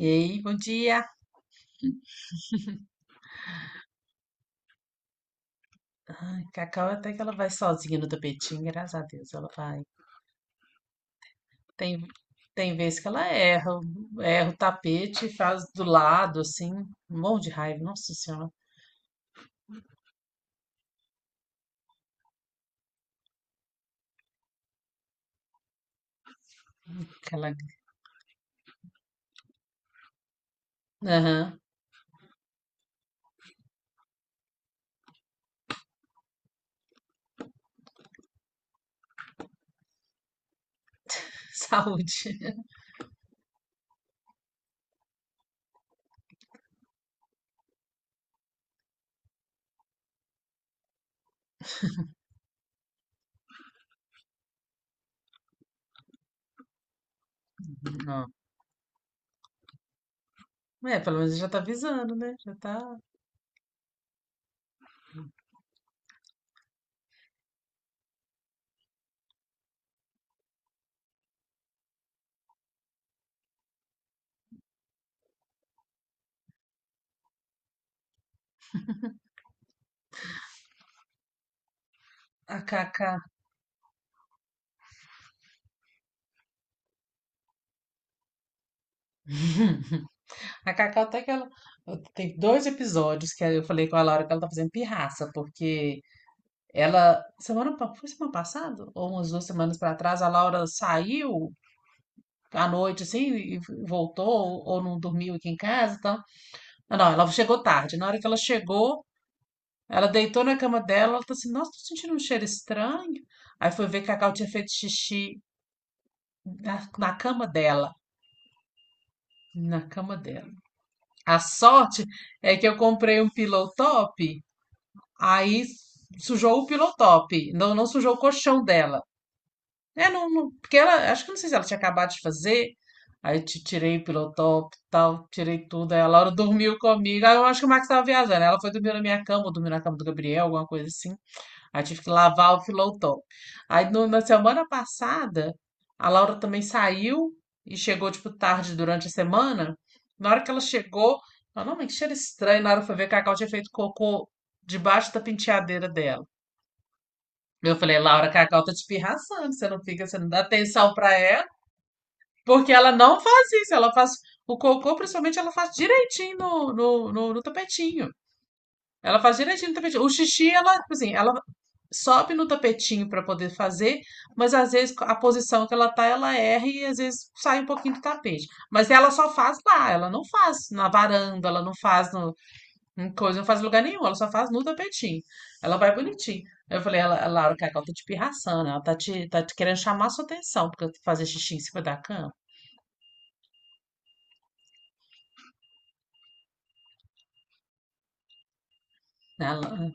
E aí, bom dia. Ai, Cacau até que ela vai sozinha no tapetinho, graças a Deus, ela vai. Tem, tem vezes que ela erra, erra o tapete, e faz do lado, assim, um monte de raiva, nossa senhora. Aquela... Aham. Saúde. Não. É, pelo menos já tá avisando, né? Já tá. A Cacá. A Cacau até que ela. Tem dois episódios que eu falei com a Laura que ela tá fazendo pirraça, porque ela. Semana. Foi semana passada? Ou umas 2 semanas pra trás, a Laura saiu à noite, assim, e voltou, ou, não dormiu aqui em casa então. Não, não, ela chegou tarde. Na hora que ela chegou, ela deitou na cama dela, ela tá assim, nossa, tô sentindo um cheiro estranho. Aí foi ver que a Cacau tinha feito xixi na cama dela. Na cama dela. A sorte é que eu comprei um pillow top, aí sujou o pillow top, não, não sujou o colchão dela. É, porque ela, acho que não sei se ela tinha acabado de fazer, aí eu te tirei pelo top, tal, tirei tudo, aí a Laura dormiu comigo, aí eu acho que o Max tava viajando, ela foi dormir na minha cama, ou dormiu na cama do Gabriel, alguma coisa assim, aí tive que lavar o pilotão. Aí no- Na semana passada, a Laura também saiu e chegou, tipo, tarde durante a semana, na hora que ela chegou, ela, não, mas que cheiro estranho, na hora que foi ver, a Cacau tinha feito cocô debaixo da penteadeira dela. Eu falei, Laura, Cacau tá te pirraçando, você não fica, você não dá atenção pra ela, porque ela não faz isso, ela faz o cocô, principalmente, ela faz direitinho no tapetinho. Ela faz direitinho no tapetinho. O xixi, ela, tipo assim, ela sobe no tapetinho pra poder fazer, mas às vezes a posição que ela tá, ela erra e às vezes sai um pouquinho do tapete. Mas ela só faz lá, ela não faz na varanda, ela não faz no, uma coisa não faz lugar nenhum, ela só faz no tapetinho. Ela vai bonitinho. Aí eu falei, ela, a Laura, que ela tá te pirraçando, ela tá te querendo chamar sua atenção, porque fazer xixi em cima da cama. Né, ela,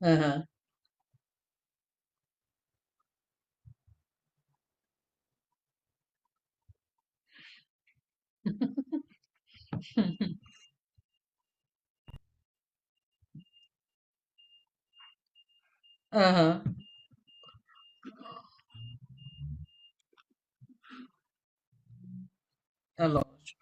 aham, aham. É lógico.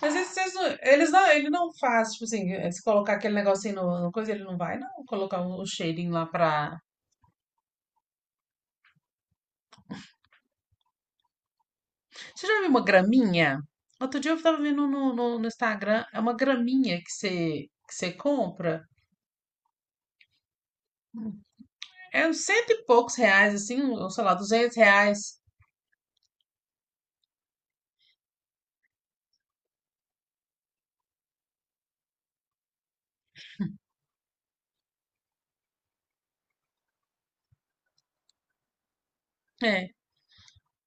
Mas esses- esses não- eles não, ele não faz, tipo assim, se colocar aquele negocinho no, no coisa, ele não vai, não, colocar um, um cheirinho lá pra. Você já viu uma graminha? Outro dia eu tava vendo no Instagram, é uma graminha que você compra. É uns cento e poucos reais, assim, ou sei lá, R$ 200. É,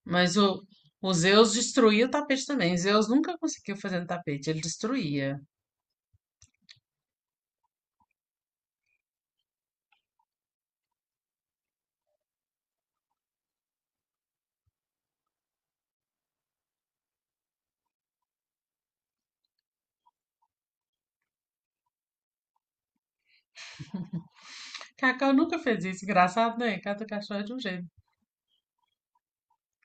mas o Zeus destruía o tapete também. Zeus nunca conseguiu fazer no tapete, ele destruía. Cacau nunca fez isso. Engraçado, né? Cada cachorro é de um jeito.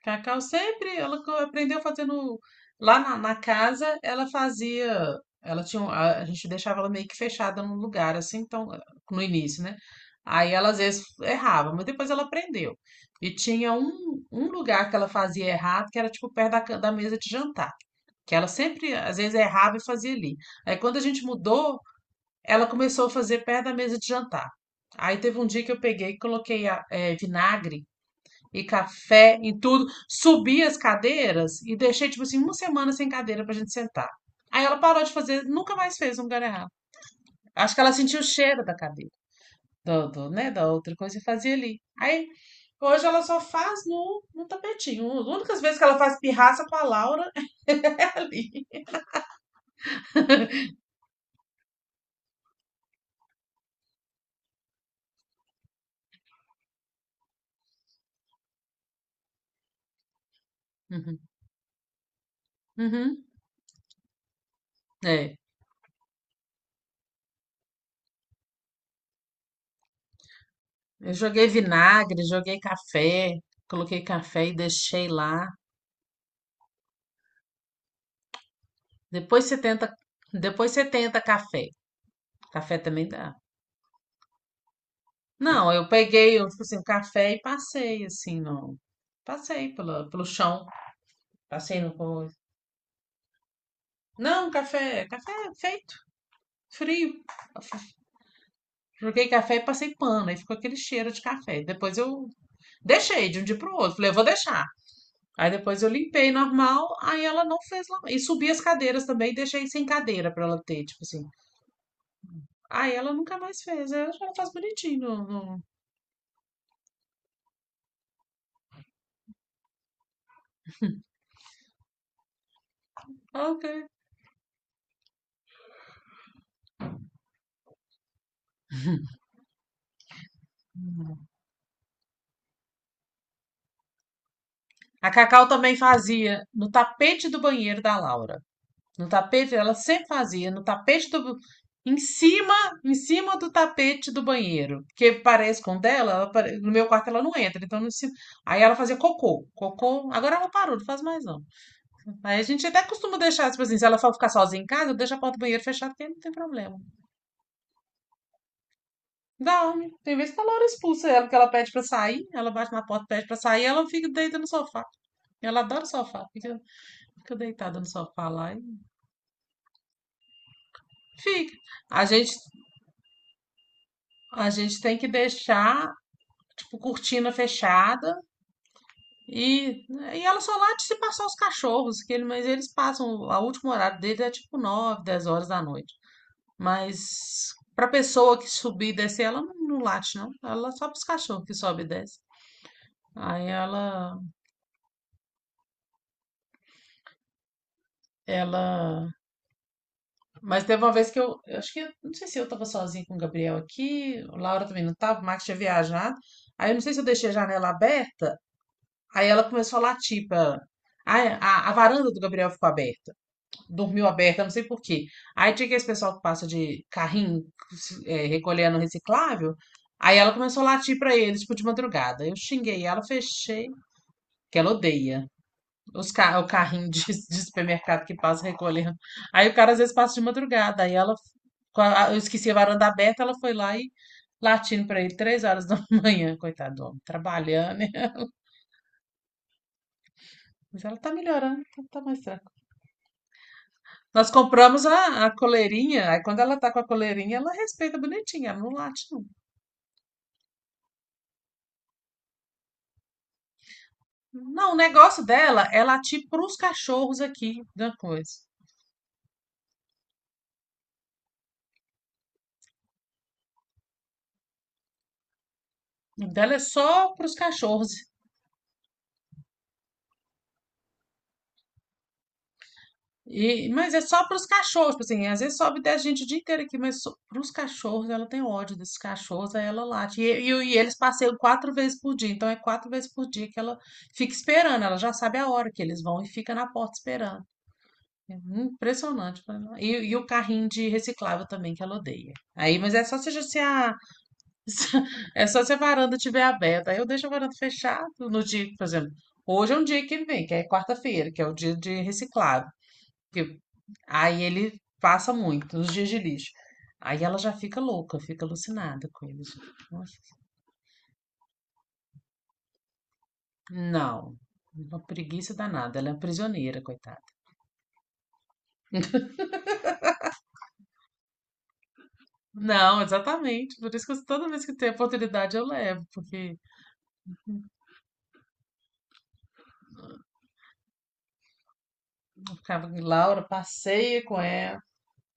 Cacau sempre, ela co- aprendeu fazendo. Lá na casa, ela fazia. Ela tinha. Um- A, a gente deixava ela meio que fechada num lugar, assim, então, no início, né? Aí ela às vezes errava, mas depois ela aprendeu. E tinha um, um lugar que ela fazia errado, que era tipo perto da, ca- da mesa de jantar. Que ela sempre, às vezes, errava e fazia ali. Aí, quando a gente mudou, ela começou a fazer perto da mesa de jantar. Aí, teve um dia que eu peguei e coloquei vinagre e café em tudo, subi as cadeiras e deixei, tipo assim, uma semana sem cadeira pra gente sentar. Aí, ela parou de fazer, nunca mais fez um lugar errado. Acho que ela sentiu o cheiro da cadeira, do, né, da outra coisa e fazia ali. Aí, hoje ela só faz no tapetinho. As únicas vezes que ela faz pirraça com a Laura é ali. Uhum. Uhum. É, eu joguei vinagre, joguei café, coloquei café e deixei lá. Depois você tenta, depois você tenta café. Café também dá. Não, eu peguei, eu, tipo assim, o café e passei assim, não. Passei pela, pelo chão, passei no coisa. Não, café, café é feito, frio. Joguei café e passei pano, aí ficou aquele cheiro de café. Depois eu deixei de um dia pro outro. Falei, eu vou deixar. Aí depois eu limpei normal, aí ela não fez lá. E subi as cadeiras também e deixei sem cadeira pra ela ter, tipo assim. Aí ela nunca mais fez. Aí hoje ela faz bonitinho. No, no- Ah, ok. A Cacau também fazia no tapete do banheiro da Laura. No tapete, ela sempre fazia no tapete do. Em cima, em cima do tapete do banheiro. Porque parece com o dela, ela pare- no meu quarto ela não entra, então no cima. Aí ela fazia cocô. Cocô. Agora ela parou, não faz mais não. Aí a gente até costuma deixar, tipo assim, se ela for ficar sozinha em casa, deixa a porta do banheiro fechada, porque não tem problema. Dá, homem. Tem vezes que a Laura expulsa ela, porque ela pede pra sair, ela bate na porta, pede pra sair, ela fica deita no sofá. Ela adora o sofá, fica, fica deitada no sofá lá e fica. A gente, a gente tem que deixar, tipo, cortina fechada e, e ela só late se passar os cachorros, que ele, mas eles passam, o último horário deles é tipo 9, 10 horas da noite. Mas pra pessoa que subir e descer, ela não, não late, não. Ela só pros cachorros que sobe e desce. Aí ela, ela. Mas teve uma vez que eu acho que, eu- não sei se eu tava sozinha com o Gabriel aqui, o Laura também não tava, o Max tinha viajado. Aí eu não sei se eu deixei a janela aberta, aí ela começou a latir pra. Aí a varanda do Gabriel ficou aberta. Dormiu aberta, não sei por quê. Aí tinha aquele pessoal que passa de carrinho, é, recolhendo reciclável. Aí ela começou a latir pra eles, tipo, de madrugada. Eu xinguei ela, fechei, que ela odeia. Os ca- o carrinho de supermercado que passa recolhendo. Aí o cara às vezes passa de madrugada. Aí ela, com a- eu esqueci a varanda aberta, ela foi lá e latindo pra ele 3 horas da manhã, coitado do homem, trabalhando. Né? Mas ela tá melhorando, tá, tá mais. Nós compramos a coleirinha, aí quando ela tá com a coleirinha, ela respeita bonitinha, ela não late, não. Não, o negócio dela é latir pros cachorros aqui, da coisa. O dela é só pros cachorros. E, mas é só pros cachorros, tipo assim, às vezes sobe 10 gente o dia inteiro aqui, mas só, pros cachorros ela tem ódio desses cachorros, aí ela late. E, e eles passeiam quatro vezes por dia, então é quatro vezes por dia que ela fica esperando, ela já sabe a hora que eles vão e fica na porta esperando. É impressionante. Pra ela. E o carrinho de reciclável também, que ela odeia. Aí, mas é só se, a- se a, é só se a varanda estiver aberta. Aí eu deixo a varanda fechada no dia, que, por exemplo. Hoje é um dia que ele vem, que é quarta-feira, que é o dia de reciclável. Que- aí ele passa muito, nos dias de lixo. Aí ela já fica louca, fica alucinada com isso. Nossa, não, uma preguiça danada. Ela é prisioneira, coitada. Não, exatamente. Por isso que eu- toda vez que tem oportunidade eu levo, porque. Ficava com Laura, passeia com ela.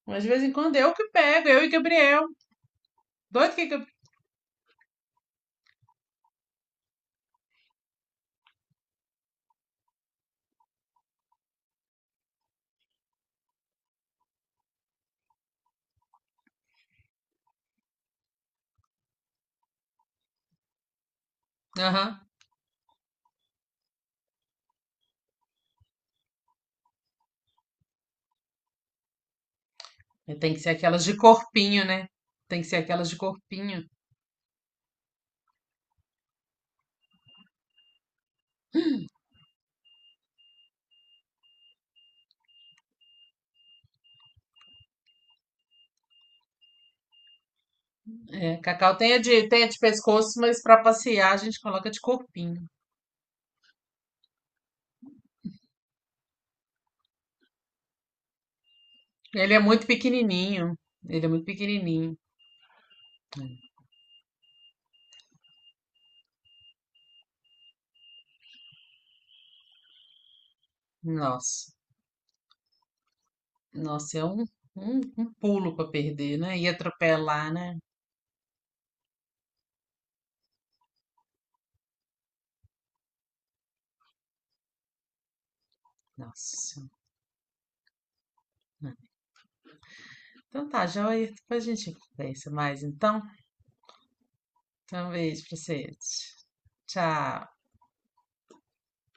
Mas de vez em quando eu que pego, eu e Gabriel. Doido que. Gab- Aham. E tem que ser aquelas de corpinho, né? Tem que ser aquelas de corpinho. É, Cacau tem a de pescoço, mas pra passear a gente coloca de corpinho. Ele é muito pequenininho. Ele é muito pequenininho. Nossa. Nossa, é um, um, um pulo pra perder, né? E atropelar, né? Nossa. Senhora. Então tá, joia. Depois a gente conversa mais, então. Então, um beijo pra vocês. Tchau.